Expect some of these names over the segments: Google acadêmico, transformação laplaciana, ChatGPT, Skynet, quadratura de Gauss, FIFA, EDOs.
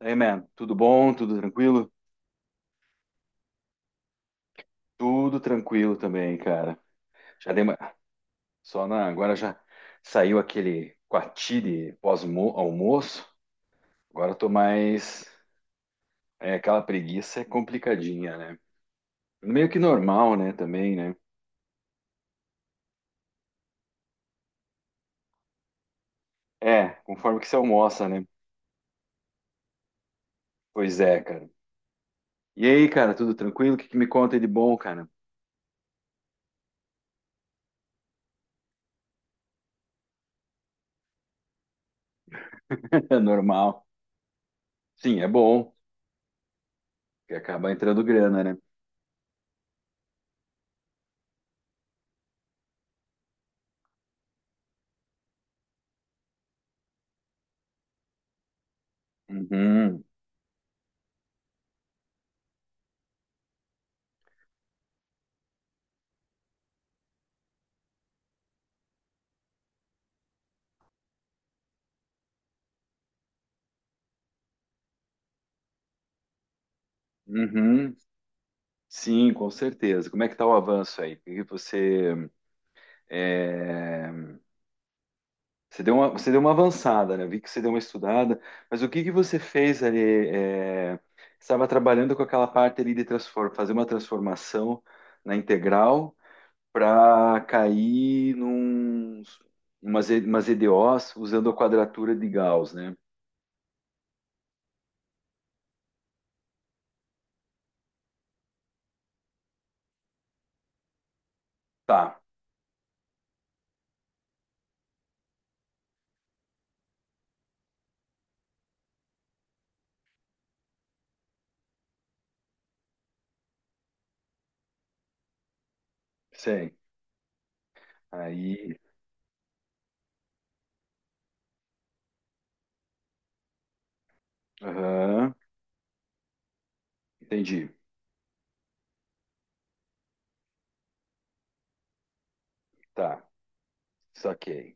Hey, man, tudo bom? Tudo tranquilo? Tudo tranquilo também, cara. Já dei uma... Só na... Agora já saiu aquele coati de pós-almoço. Agora eu tô mais... É, aquela preguiça é complicadinha, né? Meio que normal, né? Também, né? É, conforme que você almoça, né? Pois é, cara. E aí, cara, tudo tranquilo? O que que me conta de bom, cara? É normal. Sim, é bom, porque acaba entrando grana, né? Uhum, uhum. Sim, com certeza. Como é que está o avanço aí? Porque você, é, você deu uma avançada, né? Eu vi que você deu uma estudada, mas o que que você fez ali? é, Estava trabalhando com aquela parte ali de transform, fazer uma transformação na integral para cair num umas, E- umas EDOs usando a quadratura de Gauss, né? Tá, sei. Aí, aham, entendi. Tá, saquei.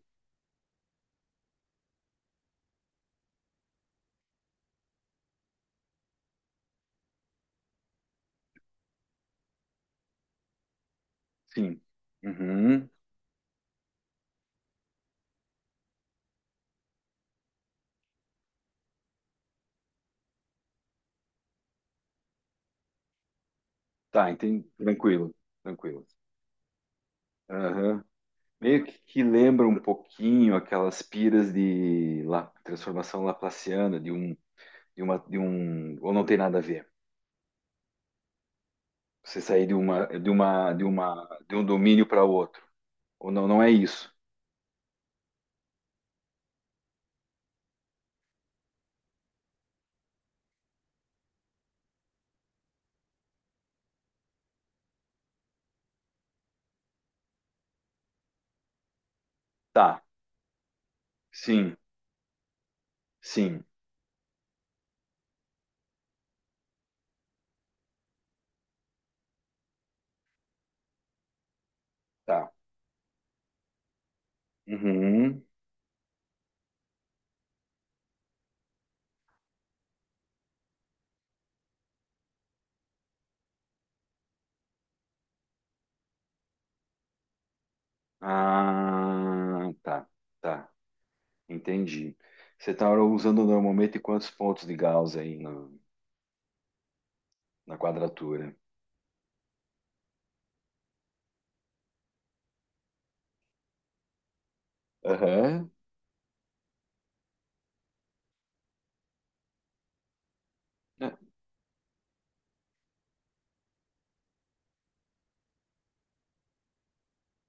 Sim. Uhum. Tá, entendi. Tranquilo, tranquilo. Aham. Meio que lembra um pouquinho aquelas piras de La- transformação laplaciana de um, de uma, de um, ou não tem nada a ver. Você sair de uma, de uma, de uma, de um domínio para outro. Ou não, não é isso. Tá. Sim, sim, tá. Uhum. Ah, tá, tá. Entendi. Você está usando normalmente quantos pontos de Gauss aí na, na quadratura? Aham.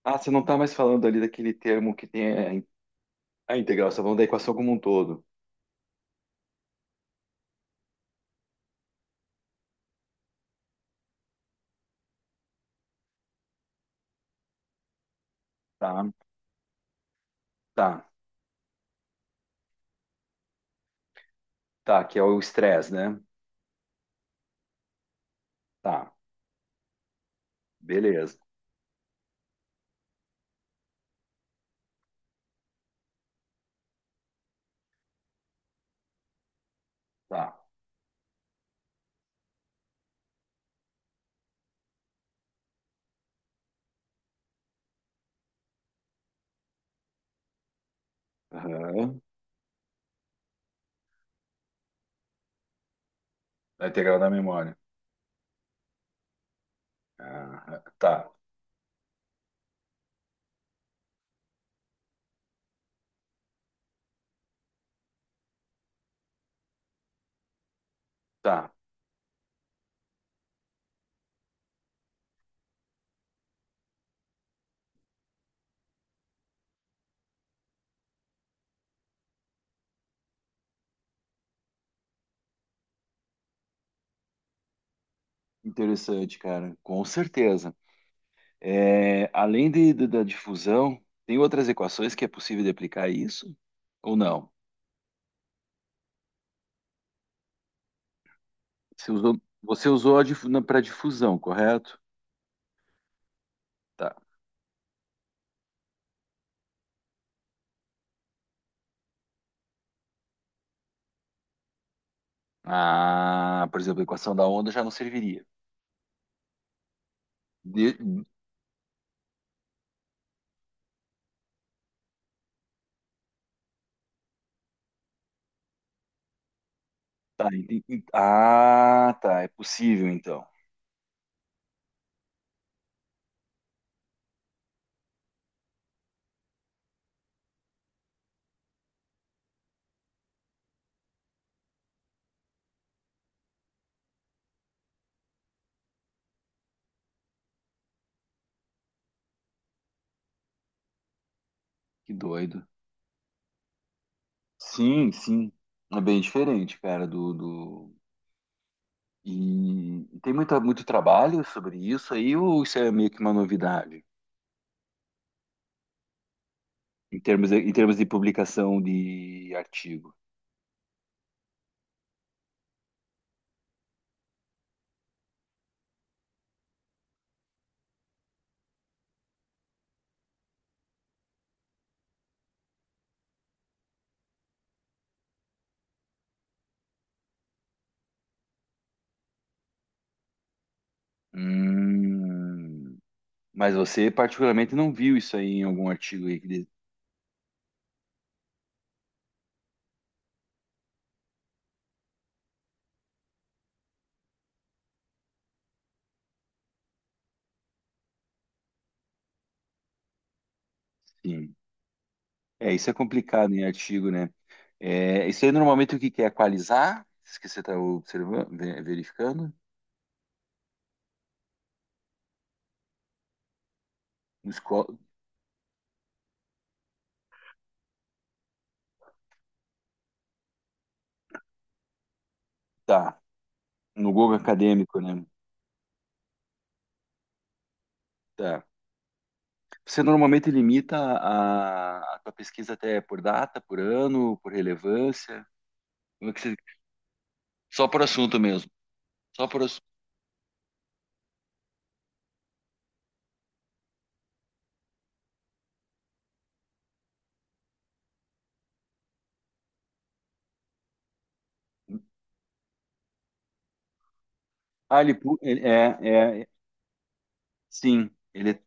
Ah, você não está mais falando ali daquele termo que tem a in- a integral, você está falando da equação como um todo. Tá, tá, tá, que é o estresse, né? Tá, beleza, tá. Aham. A integral da memória. Aham, tá, tá. Interessante, cara, com certeza. É, além de- da difusão, tem outras equações que é possível de aplicar isso? Ou não? Você usou para difusão, correto? Tá. Ah, por exemplo, a equação da onda já não serviria. Tá, enten- en- ah, tá, é possível então. Que doido. Sim, sim. É bem diferente, cara, do, do... E tem muito, muito trabalho sobre isso aí, ou isso é meio que uma novidade em termos de publicação de artigo? Hum, mas você particularmente não viu isso aí em algum artigo aí que diz- sim. É, isso é complicado em artigo, né? É, isso aí normalmente o que que é equalizar? Isso que você está observando, ve- verificando? No esco- Tá. No Google acadêmico, né? Tá. Você normalmente limita a tua pesquisa até por data, por ano, por relevância? Como é que você- Só por assunto mesmo. Só por assunto. Ah, ele, pu- ele- sim,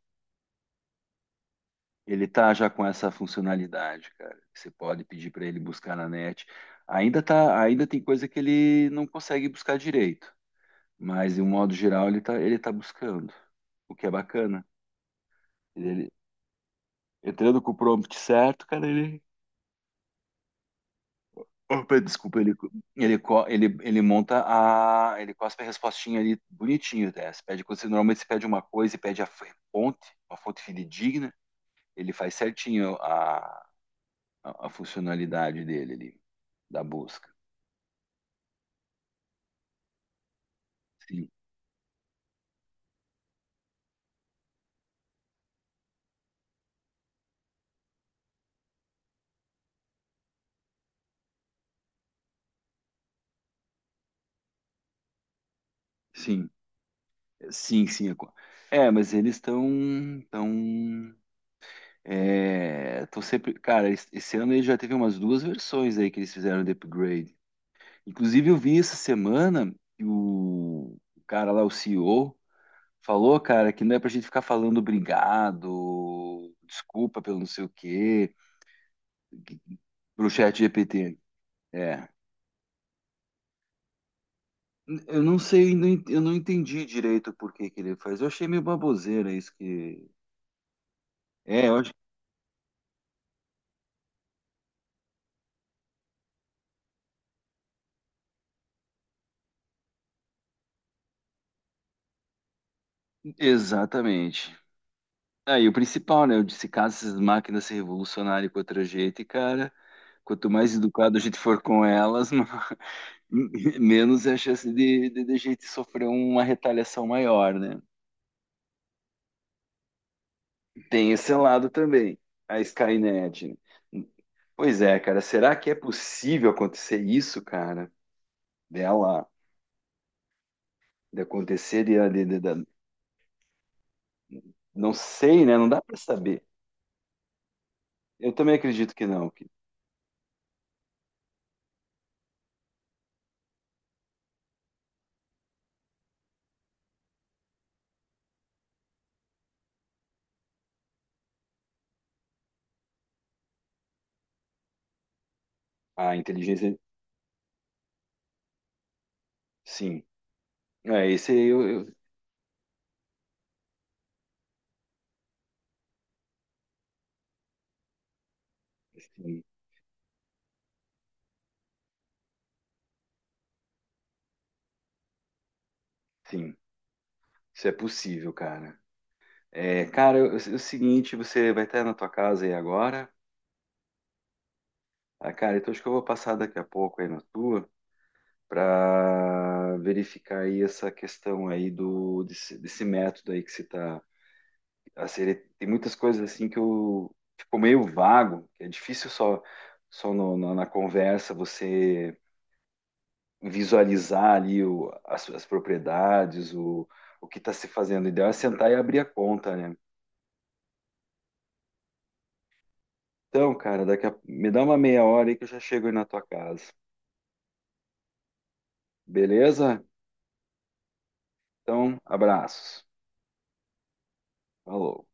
ele tá já com essa funcionalidade, cara. Que você pode pedir para ele buscar na net. Ainda tá, ainda tem coisa que ele não consegue buscar direito, mas de um modo geral ele tá buscando, o que é bacana. Ele, entrando com o prompt certo, cara, ele Opa, desculpa, ele, co- ele monta a. Ele cospe a respostinha ali bonitinho, né? Você pede, quando você normalmente você pede uma coisa e pede a f- fonte, uma fonte fidedigna, ele faz certinho a funcionalidade dele ali, da busca. Sim, sim, sim, sim. é co- é, mas eles estão. Tão, tão sempre. Cara, es- esse ano ele já teve umas duas versões aí que eles fizeram de upgrade. Inclusive, eu vi essa semana que o cara lá, o CEO. Falou, cara, que não é pra gente ficar falando obrigado, desculpa pelo não sei o quê, pro chat GPT. É. Eu não sei, não en- eu não entendi direito por que que ele faz. Eu achei meio baboseira isso que. É, eu acho... Exatamente. Aí, o principal, né? Eu disse, caso essas máquinas se revolucionarem contra a gente, cara, quanto mais educado a gente for com elas, menos é a chance de a gente sofrer uma retaliação maior, né? Tem esse lado também, a Skynet. Pois é, cara, será que é possível acontecer isso, cara? Dela, de acontecer, de- da- não sei, né? Não dá para saber. Eu também acredito que não, que a inteligência, sim. É, esse aí eu- sim, sim, isso é possível, cara. É, cara, eu- é o seguinte, você vai estar na tua casa aí agora? Ah, cara, então acho que eu vou passar daqui a pouco aí na tua. Para verificar aí essa questão aí do desse, desse método aí que você está a ser. Tem muitas coisas assim que eu ficou meio vago que é difícil só só no, no- na conversa você visualizar ali o, as propriedades o que está se fazendo o ideal é sentar e abrir a conta né então cara daqui a, me dá uma meia hora aí que eu já chego aí na tua casa beleza então abraços falou